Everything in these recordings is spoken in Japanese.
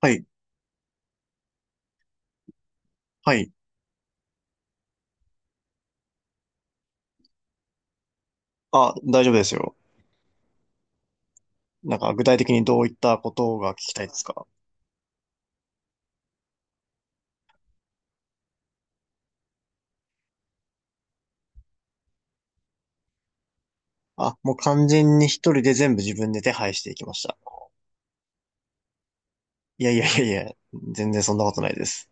はい、はい。あ、大丈夫ですよ。なんか具体的にどういったことが聞きたいですか？あ、もう完全に一人で全部自分で手配していきました。いやいやいやいや、全然そんなことないです。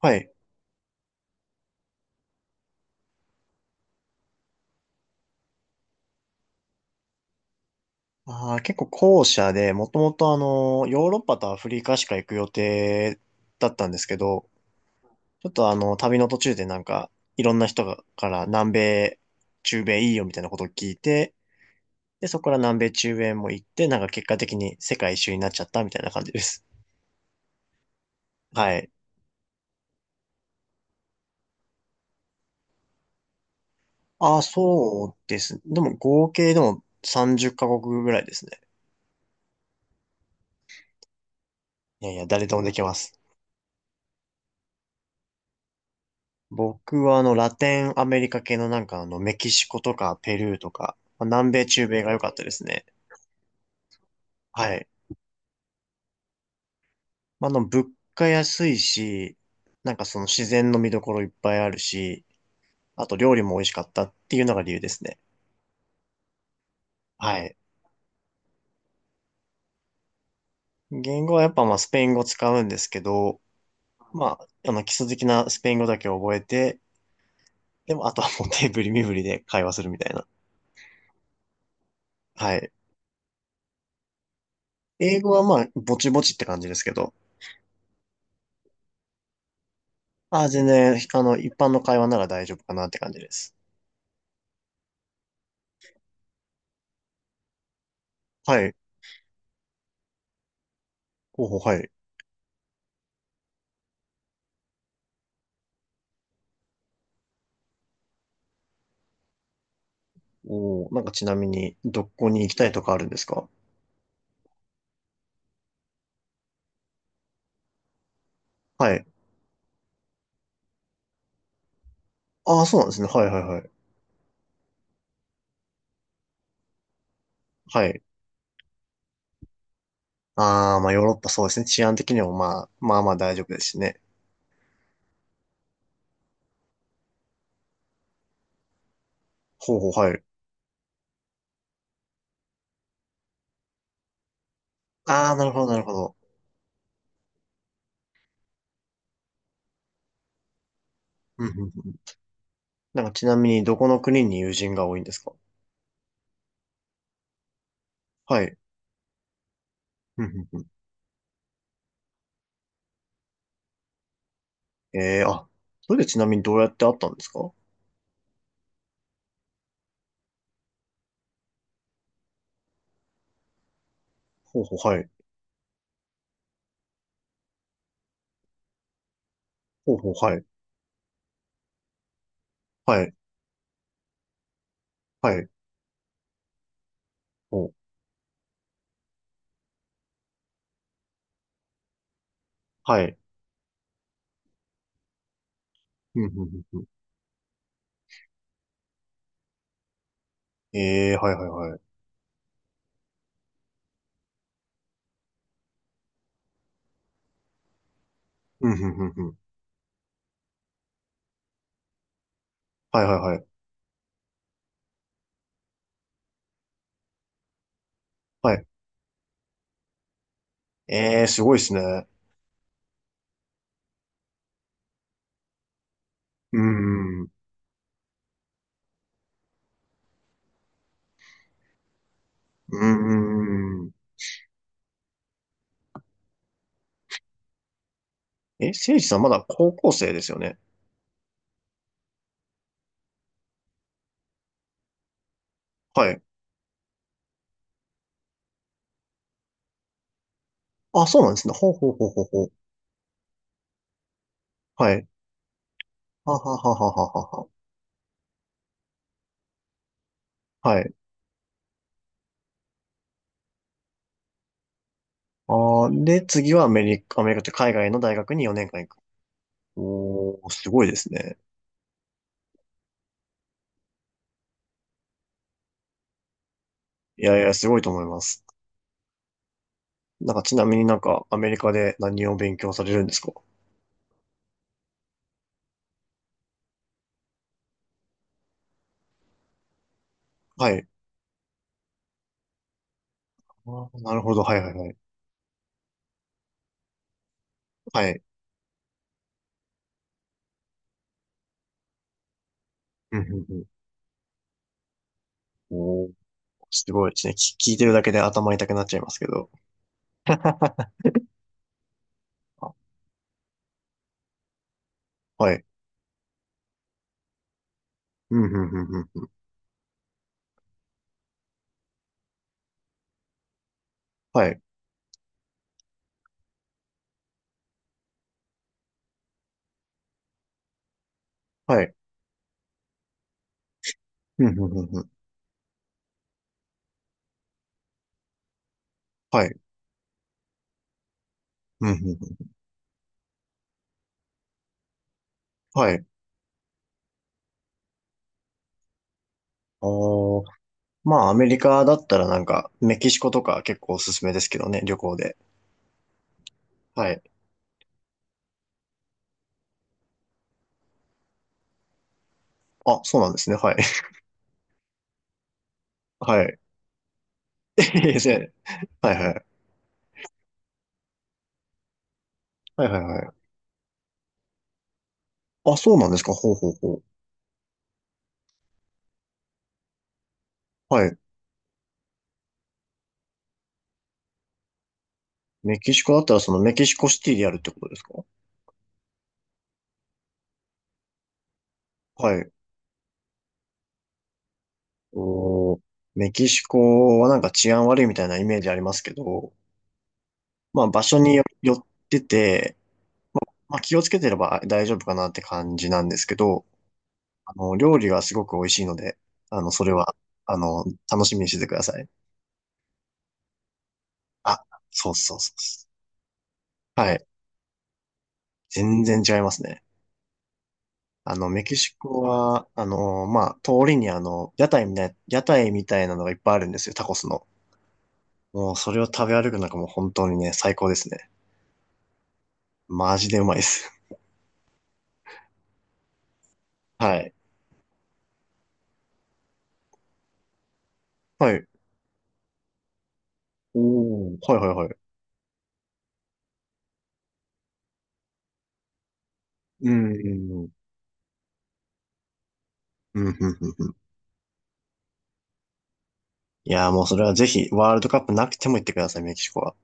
はい。あー、結構後者で、もともとあの、ヨーロッパとアフリカしか行く予定だったんですけど、ちょっとあの、旅の途中でなんか、いろんな人がから南米、中米いいよみたいなことを聞いて、で、そこから南米、中米も行って、なんか結果的に世界一周になっちゃったみたいな感じです。はい。あ、そうですね。でも合計でも30カ国ぐらいですね。いやいや、誰でもできます。僕はあの、ラテンアメリカ系のなんかあの、メキシコとかペルーとか、まあ南米、中米が良かったですね。はい。まあ、あの、物価安いし、なんかその自然の見どころいっぱいあるし、あと料理も美味しかったっていうのが理由ですね。はい。言語はやっぱまあスペイン語使うんですけど、まあ、あの基礎的なスペイン語だけ覚えて、でもあとはもう手振り身振りで会話するみたいな。はい。英語はまあ、ぼちぼちって感じですけど。ああ、全然、あの、一般の会話なら大丈夫かなって感じです。はい。候補、はい。おー、なんかちなみに、どこに行きたいとかあるんですか？はい。ああ、そうなんですね。はいはいはい。はい。ああ、まあ、ヨーロッパそうですね。治安的にもまあ、まあまあ大丈夫ですしね。ほうほう、はい。ああ、なるほど、なるほど。うんうんうん。なんかちなみに、どこの国に友人が多いんですか？はい。うんうんうん。ええーあ、それでちなみにどうやって会ったんですか？ほうほう、はい。ほうほう、はい。はい。はい。お、はい。うん、うん、うん、うん。ええ、はいはいはい。うん、うん、うん、うん。はいはいはい。はい。ええ、すごいですね。うん、うん、うん。うん。え、せいじさんまだ高校生ですよね。はい。あ、そうなんですね。ほうほうほうほうほう。はい。ははははははは。はい。あーで、次はアメリカ、アメリカって海外の大学に4年間行く。おー、すごいですね。いやいや、すごいと思います。なんか、ちなみになんか、アメリカで何を勉強されるんですか？はい。あーなるほど。はいはいはい。はい。おーすごいですね。聞いてるだけで頭痛くなっちゃいますけど。あはい。うん、うん、うん、うん。はい。はい。うん、うん、うん、うん。はい。うん、うん、うん。はい。おー。まあ、アメリカだったらなんか、メキシコとか結構おすすめですけどね、旅行で。はい。あ、そうなんですね。はい。はい。いいですね。はい、はい。はい、はい、はい。あ、そうなんですか。ほうほうほう。はい。メキシコだったらそのメキシコシティでやるってことですか？はい。おー。メキシコはなんか治安悪いみたいなイメージありますけど、まあ場所によってて、まあ気をつけてれば大丈夫かなって感じなんですけど、あの、料理がすごく美味しいので、あの、それは、あの、楽しみにしててください。あ、そうそうそうそう。はい。全然違いますね。あの、メキシコは、あの、まあ、通りにあの、屋台みたいなのがいっぱいあるんですよ、タコスの。もう、それを食べ歩くのがもう本当にね、最高ですね。マジでうまいです。はい。はい。おー、はいはいはい。うん、うん、うん、うん、うん、うん。うん。いやー、もうそれはぜひ、ワールドカップなくても行ってください、メキシコは。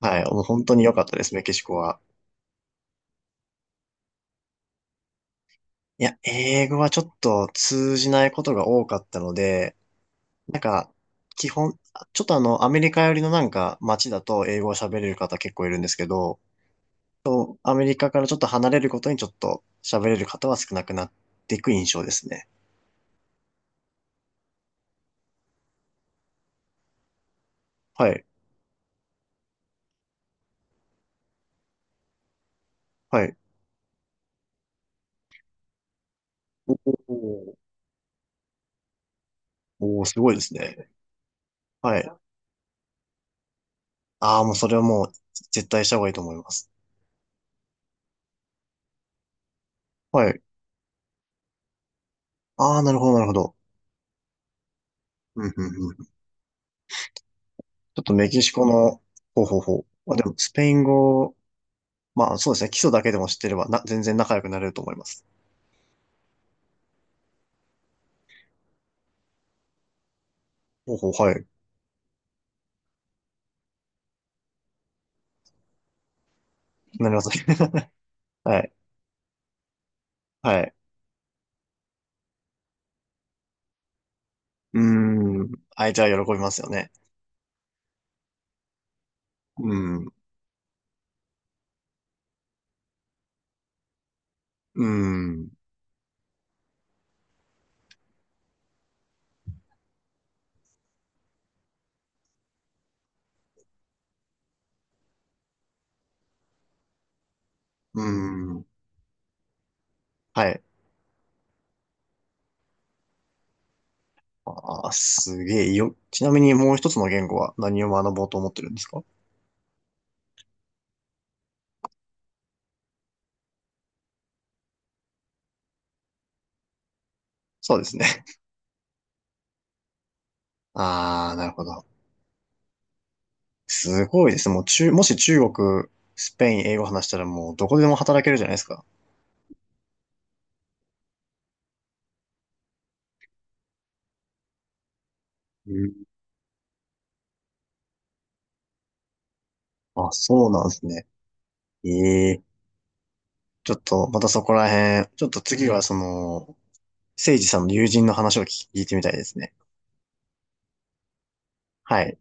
はい、もう本当に良かったです、メキシコは。いや、英語はちょっと通じないことが多かったので、なんか、基本、ちょっとあの、アメリカ寄りのなんか街だと英語を喋れる方結構いるんですけど、そうアメリカからちょっと離れることにちょっと喋れる方は少なくなっていく印象ですね。はい、はい。おーおおすごいですね。はい。ああ、もうそれはもう絶対した方がいいと思います。はい。ああ、なるほど、なるほど。うんうんうん。ちょっとメキシコの、ほうほうほう。まあ、でも、スペイン語、まあそうですね。基礎だけでも知ってれば、全然仲良くなれると思います。ほうほう、はい。なりますね。はい。はい。うーん。相手は喜びますよね。うん、うん、うん。はい。ああ、すげえよ。ちなみにもう一つの言語は何を学ぼうと思ってるんですか？そうですね。ああ、なるほど。すごいです。もし中国、スペイン、英語話したらもうどこでも働けるじゃないですか。あ、そうなんですね。ええ。ちょっと、またそこら辺、ちょっと次はその、誠治さんの友人の話を聞いてみたいですね。はい。